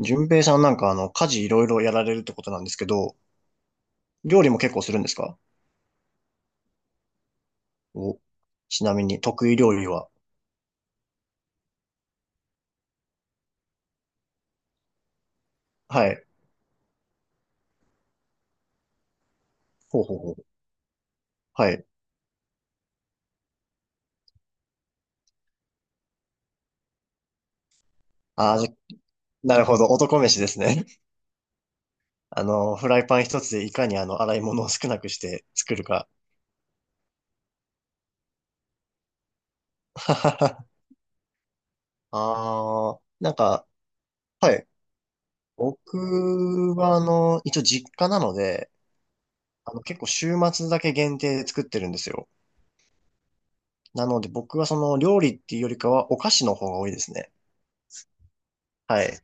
順平さんなんか家事いろいろやられるってことなんですけど、料理も結構するんですか？お、ちなみに得意料理は？はい。ほうほうほう。はい。ああ、じゃ、なるほど。男飯ですね。フライパン一つでいかに洗い物を少なくして作るか。ああ、なんか、はい。僕は一応実家なので、結構週末だけ限定で作ってるんですよ。なので僕はその料理っていうよりかはお菓子の方が多いですね。はい。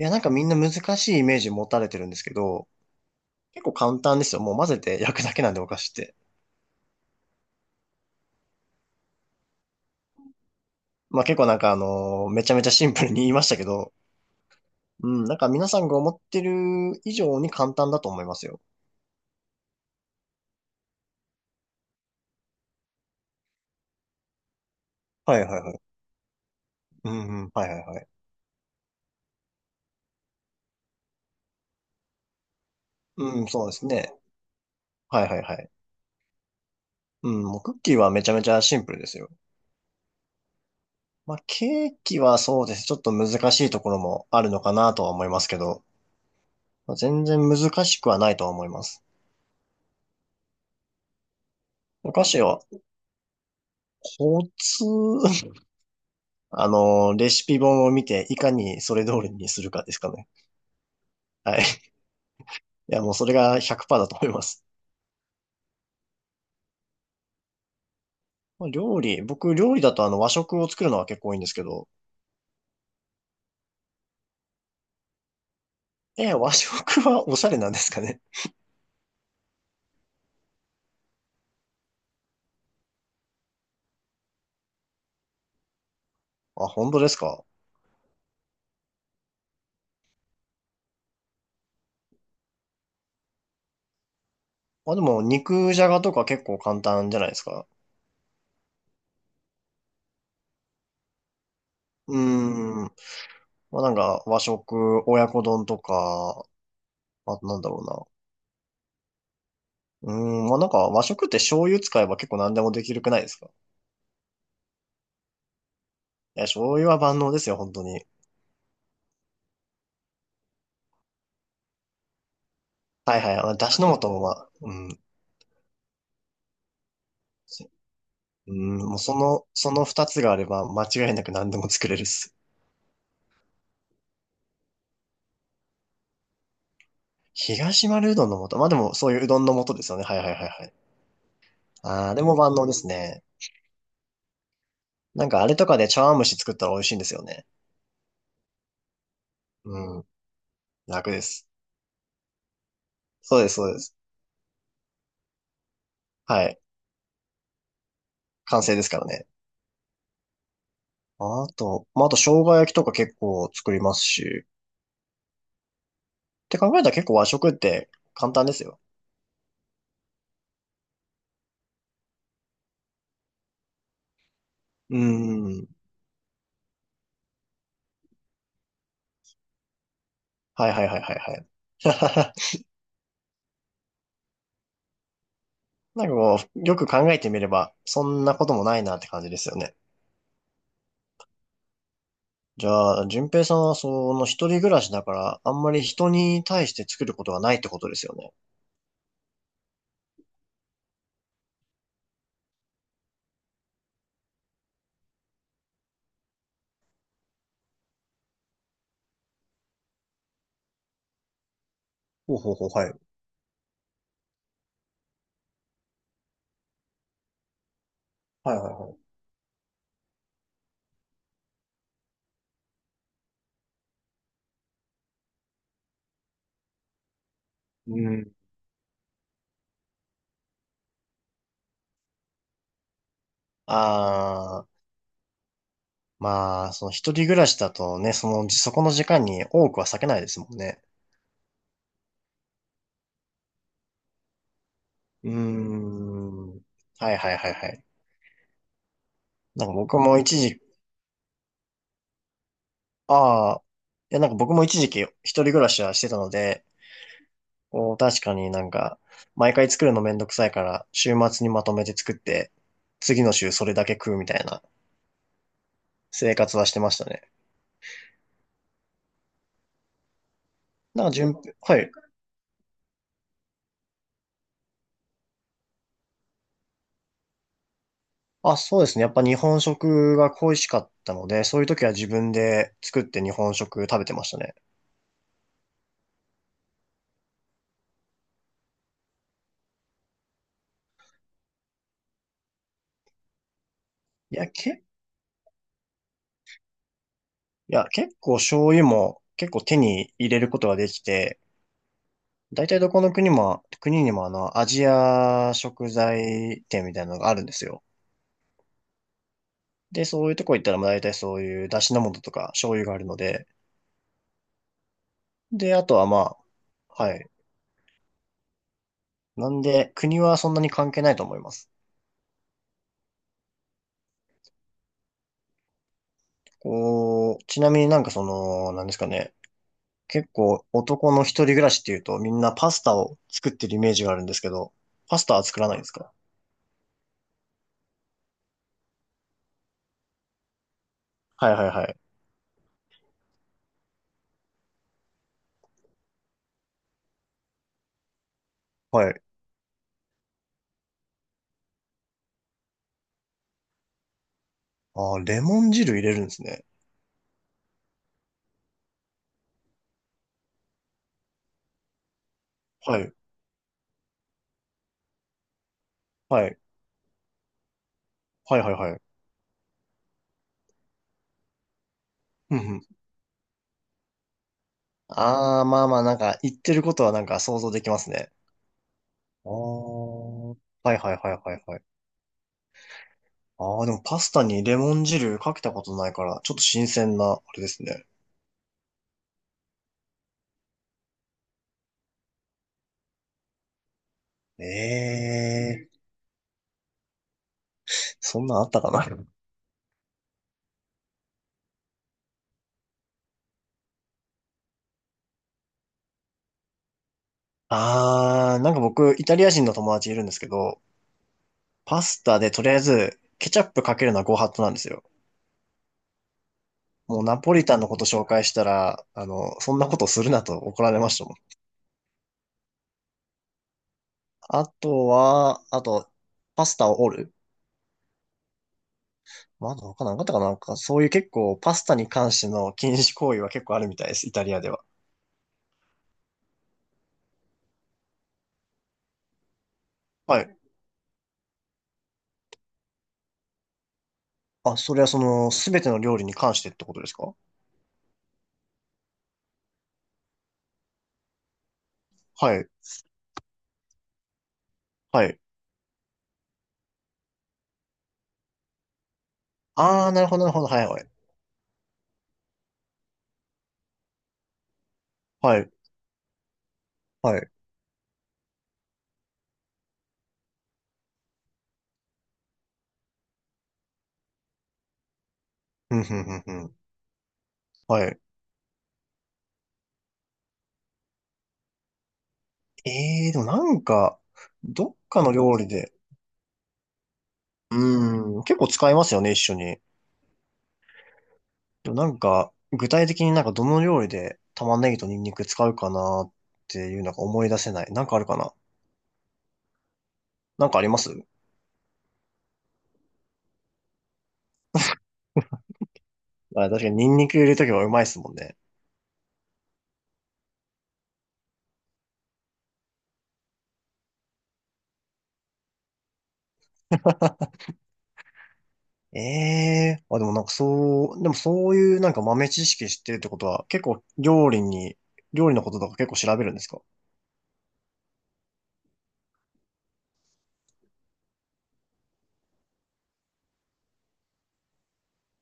いや、なんかみんな難しいイメージ持たれてるんですけど、結構簡単ですよ。もう混ぜて焼くだけなんでお菓子って。まあ結構なんかめちゃめちゃシンプルに言いましたけど、うん、なんか皆さんが思ってる以上に簡単だと思いますよ。はいはいはい。うんうん、はいはいはい。うん、そうですね。はいはいはい。うん、もうクッキーはめちゃめちゃシンプルですよ。まあケーキはそうです。ちょっと難しいところもあるのかなとは思いますけど、まあ全然難しくはないとは思います。お菓子はコツ、レシピ本を見て、いかにそれ通りにするかですかね。はい。いや、もうそれが100%だと思います。まあ料理、僕、料理だと和食を作るのは結構多いんですけど、え、和食はおしゃれなんですかね。あ、本当ですか。まあでも、肉じゃがとか結構簡単じゃないですか。うーん。まあなんか、和食、親子丼とか、あとなんだろうな。うーん、まあなんか、和食って醤油使えば結構何でもできるくないですか？いや、醤油は万能ですよ、本当に。はいはい。まあ、だしの素もまあ、うん。うん、もうその、その二つがあれば間違いなく何でも作れるっす。東丸うどんの素。まあでもそういううどんの素ですよね。はいはいはいはい。ああ、でも万能ですね。なんかあれとかで茶碗蒸し作ったら美味しいんですよね。うん。楽です。そうです、そうです。はい。完成ですからね。あと、まああと生姜焼きとか結構作りますし。って考えたら結構和食って簡単ですよ。うん。はいはいはいはいはい。なんかこう、よく考えてみれば、そんなこともないなって感じですよね。じゃあ、淳平さんはその一人暮らしだから、あんまり人に対して作ることがないってことですよね。ほうほうほう、はい。はいはいはい。うん。ああ、まあ、その一人暮らしだとね、その、そこの時間に多くは避けないですもんね。うーん。はいはいはいはい。なんか僕も一時、ああ、いやなんか僕も一時期一人暮らしはしてたので、こう確かになんか、毎回作るのめんどくさいから、週末にまとめて作って、次の週それだけ食うみたいな生活はしてましたね。なんか順、はい。あ、そうですね。やっぱ日本食が恋しかったので、そういう時は自分で作って日本食食べてましたね。いや、いや、結構醤油も結構手に入れることができて、大体どこの国も、国にもアジア食材店みたいなのがあるんですよ。で、そういうとこ行ったら、まあ大体そういう出汁の素とか醤油があるので、で、あとはまあ、はい。なんで、国はそんなに関係ないと思います。こう、ちなみになんかその、なんですかね。結構男の一人暮らしっていうとみんなパスタを作ってるイメージがあるんですけど、パスタは作らないんですか？はいはいはい。はい。ああ、レモン汁入れるんですね。はい。はい。はいはいはい。うんうん。ああ、まあまあなんか言ってることはなんか想像できますね。ああ。はいはいはいはいはい。ああ、でもパスタにレモン汁かけたことないから、ちょっと新鮮な、あれですね。ええ、そんなんあったかな？あー、なんか僕、イタリア人の友達いるんですけど、パスタでとりあえず、ケチャップかけるのはご法度なんですよ。もうナポリタンのこと紹介したら、そんなことするなと怒られましたもん。あとは、あと、パスタを折る。まだ他なんかあったかな、なんか、そういう結構、パスタに関しての禁止行為は結構あるみたいです、イタリアでは。はい。あ、それはその、すべての料理に関してってことですか？はい。はい。あー、なるほど、なるほど。はい、はい。はい。はい。うん、うん、うん、うん。はい。ええ、でもなんか、どっかの料理で、うーん、結構使いますよね、一緒に。でもなんか、具体的になんかどの料理で玉ねぎとニンニク使うかなっていうのが思い出せない。なんかあるかな？なんかあります？あ、確かにニンニク入れるときはうまいですもんね。ええ、あ、でもなんかそう、でもそういうなんか豆知識知ってるってことは、結構料理に、料理のこととか結構調べるんですか？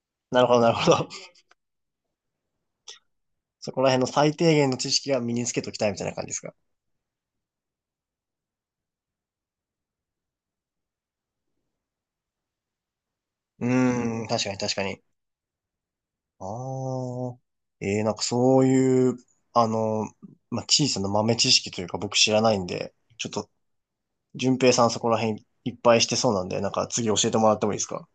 なるほど、なるほど。そこら辺の最低限の知識は身につけときたいみたいな感じですか？うーん、確かに確かに。ああ。えー、なんかそういう、あの、まあ、小さな豆知識というか僕知らないんで、ちょっと、順平さんそこら辺いっぱいしてそうなんで、なんか次教えてもらってもいいですか？